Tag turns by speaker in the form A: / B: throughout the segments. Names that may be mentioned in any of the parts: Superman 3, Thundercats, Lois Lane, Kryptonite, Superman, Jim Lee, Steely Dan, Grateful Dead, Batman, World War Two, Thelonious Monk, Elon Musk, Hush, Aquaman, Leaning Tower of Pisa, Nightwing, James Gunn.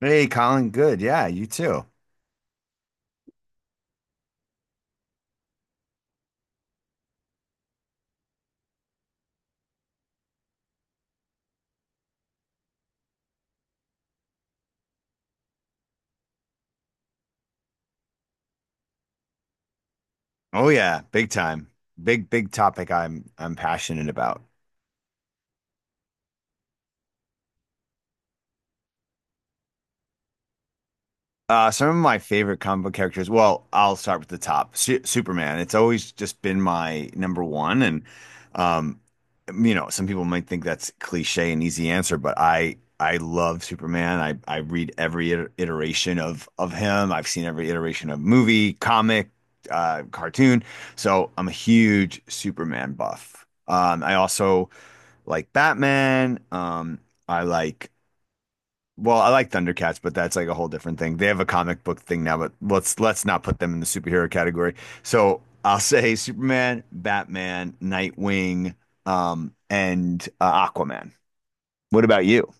A: Hey, Colin, good. Yeah, you too. Oh yeah, big time. Big topic I'm passionate about. Some of my favorite comic book characters. Well, I'll start with the top. Su Superman. It's always just been my number one, and um, you know, some people might think that's cliche and easy answer, but I love Superman. I read every iteration of him. I've seen every iteration of movie, comic, cartoon. So I'm a huge Superman buff. I also like Batman. I like well, I like Thundercats, but that's like a whole different thing. They have a comic book thing now, but let's not put them in the superhero category. So I'll say Superman, Batman, Nightwing, and Aquaman. What about you?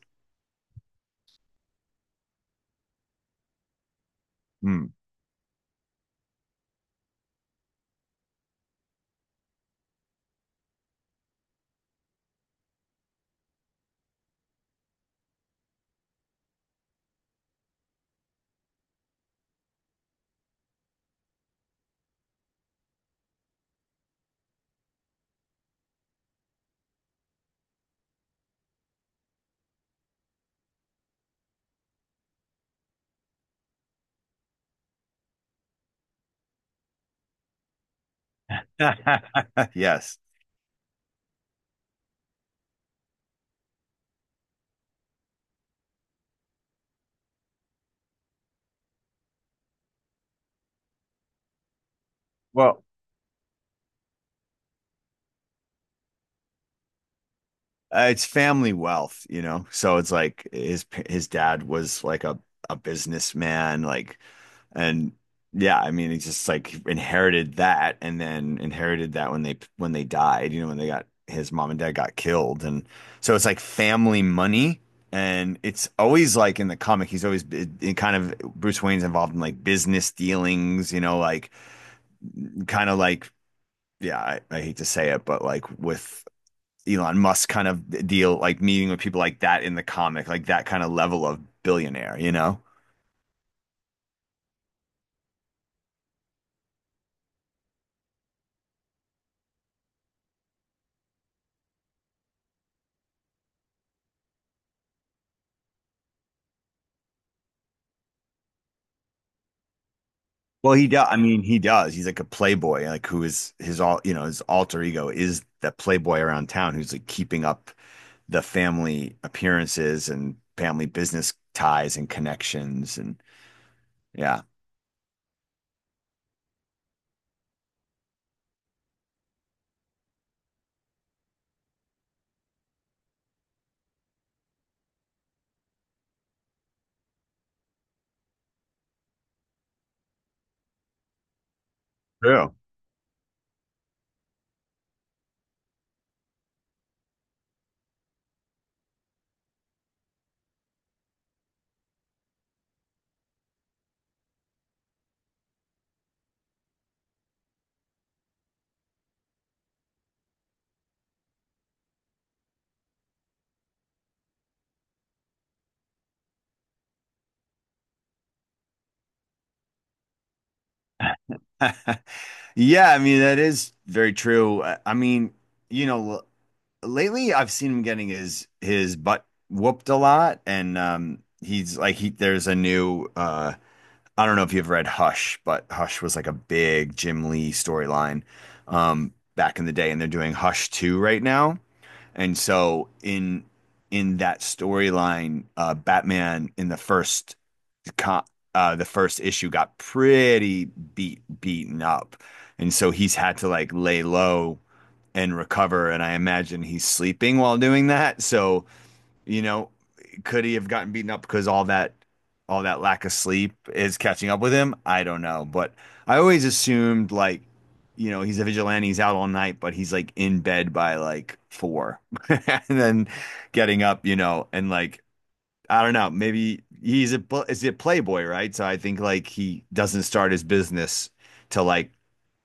A: Hmm. Yes. Well, it's family wealth, you know. So it's like his dad was like a businessman, like, and yeah, I mean, he just like inherited that, and then inherited that when they died, you know, when they got his mom and dad got killed, and so it's like family money, and it's always like in the comic, he's always it kind of Bruce Wayne's involved in like business dealings, you know, like kind of like yeah, I hate to say it, but like with Elon Musk kind of deal, like meeting with people like that in the comic, like that kind of level of billionaire, you know? Well, he does. I mean, he does. He's like a playboy, like who is his all, you know, his alter ego is the playboy around town who's like keeping up the family appearances and family business ties and connections. And yeah, true. Yeah, I mean, that is very true. I mean, you know, lately I've seen him getting his butt whooped a lot, and he's like he there's a new I don't know if you've read Hush, but Hush was like a big Jim Lee storyline back in the day, and they're doing Hush 2 right now, and so in that storyline, Batman in the first co the first issue got pretty beaten up. And so he's had to like lay low and recover. And I imagine he's sleeping while doing that. So, you know, could he have gotten beaten up because all that lack of sleep is catching up with him? I don't know. But I always assumed like, you know, he's a vigilante, he's out all night, but he's like in bed by like four and then getting up, you know, and like I don't know, maybe he's a is a playboy, right? So I think like he doesn't start his business till like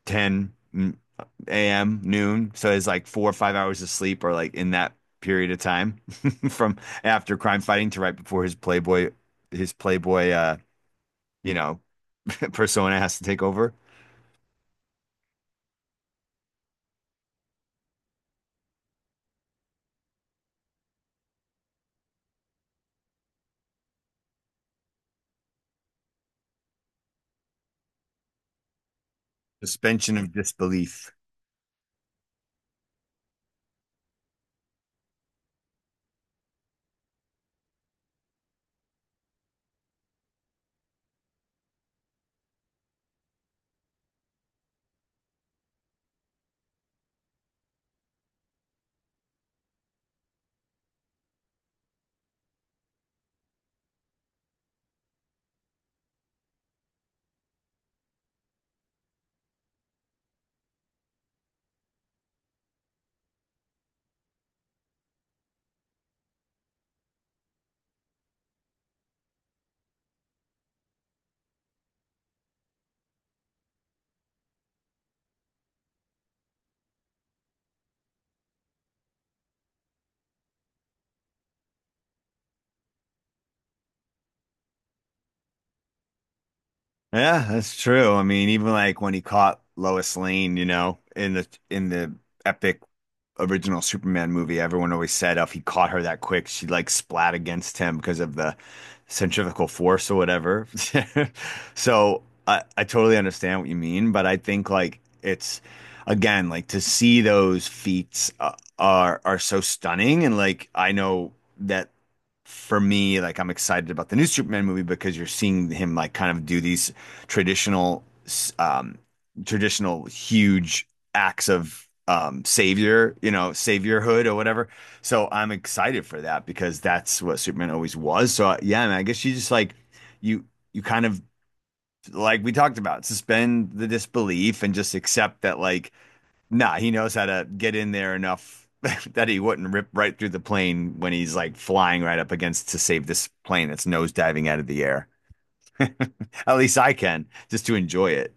A: 10 a.m., noon. So it's like 4 or 5 hours of sleep or like in that period of time from after crime fighting to right before his Playboy, you know, persona has to take over. Suspension of disbelief. Yeah, that's true. I mean, even like when he caught Lois Lane, you know, in the epic original Superman movie, everyone always said oh, if he caught her that quick, she'd like splat against him because of the centrifugal force or whatever. So I totally understand what you mean, but I think like it's again like to see those feats are so stunning, and like I know that for me, like I'm excited about the new Superman movie because you're seeing him like kind of do these traditional, um, traditional huge acts of savior, you know, saviorhood or whatever. So I'm excited for that because that's what Superman always was. So yeah, man, I guess you just like you you kind of like we talked about suspend the disbelief and just accept that like nah, he knows how to get in there enough that he wouldn't rip right through the plane when he's like flying right up against to save this plane that's nosediving out of the air. At least I can, just to enjoy it.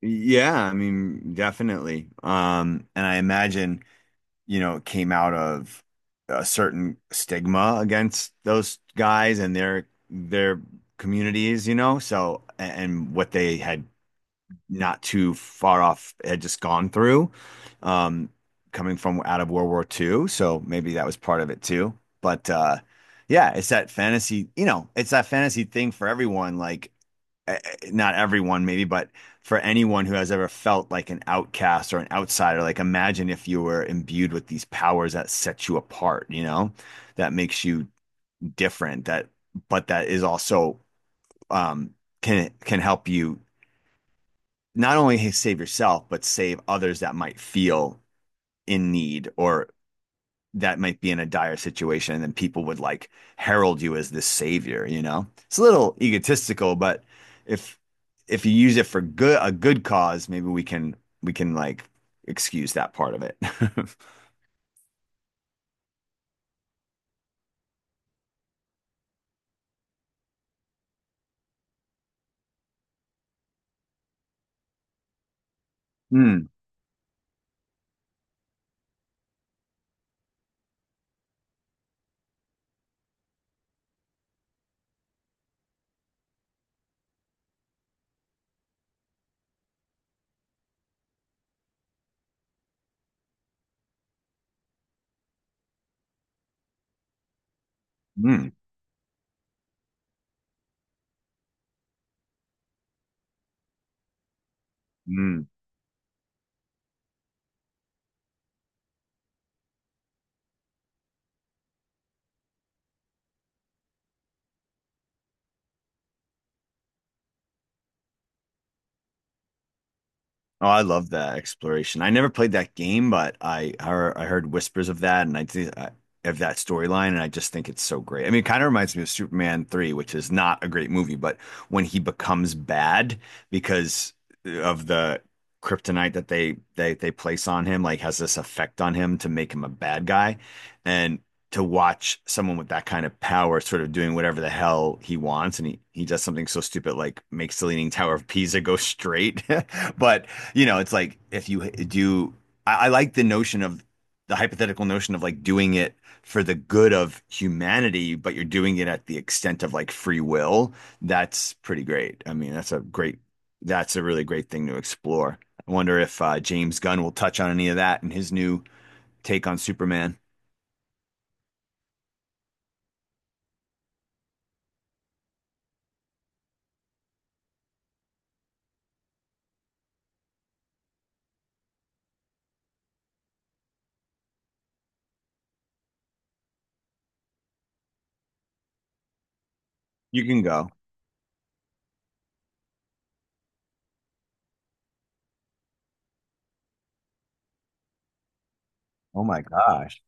A: Yeah, I mean, definitely. And I imagine, you know, it came out of a certain stigma against those guys and their communities, you know, so and what they had not too far off had just gone through, um, coming from out of World War Two, so maybe that was part of it too. But yeah, it's that fantasy, you know, it's that fantasy thing for everyone. Like, not everyone, maybe, but for anyone who has ever felt like an outcast or an outsider, like imagine if you were imbued with these powers that set you apart, you know, that makes you different, that, but that is also, um, can help you not only save yourself, but save others that might feel in need or that might be in a dire situation. And then people would like herald you as this savior, you know? It's a little egotistical, but if if you use it for good a good cause, maybe we can like excuse that part of it. Mm, mm, mm. Oh, I love that exploration. I never played that game, but I heard, I heard whispers of that, and of that storyline, and I just think it's so great. I mean, it kind of reminds me of Superman 3, which is not a great movie, but when he becomes bad because of the kryptonite that they place on him, like has this effect on him to make him a bad guy, and to watch someone with that kind of power sort of doing whatever the hell he wants and he does something so stupid like makes the Leaning Tower of Pisa go straight but you know, it's like if you do, I like the notion of the hypothetical notion of like doing it for the good of humanity, but you're doing it at the extent of like free will. That's pretty great. I mean, that's a really great thing to explore. I wonder if James Gunn will touch on any of that in his new take on Superman. You can go. Oh my gosh.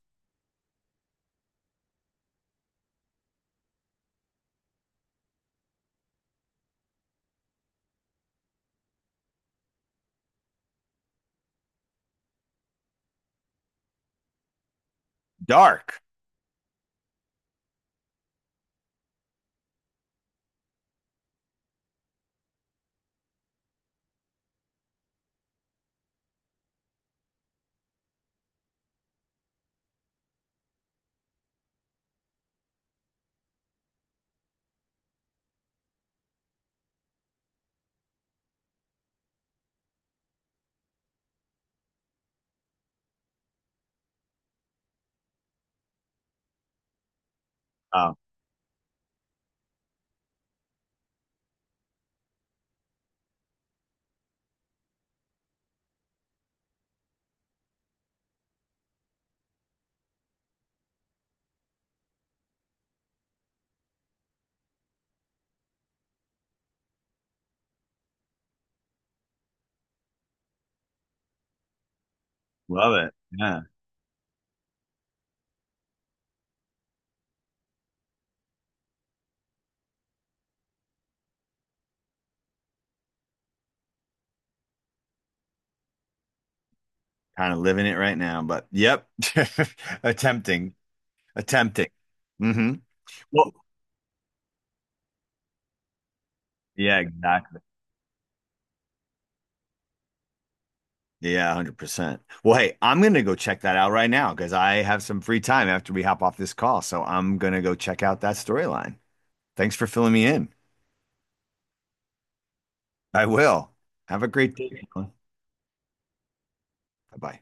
A: Dark. Oh, love it. Yeah. Kind of living it right now, but yep. Attempting. Attempting. Hmm. Well, yeah, exactly. Yeah, 100%. Well, hey, I'm going to go check that out right now because I have some free time after we hop off this call. So I'm going to go check out that storyline. Thanks for filling me in. I will. Have a great day. Bye bye.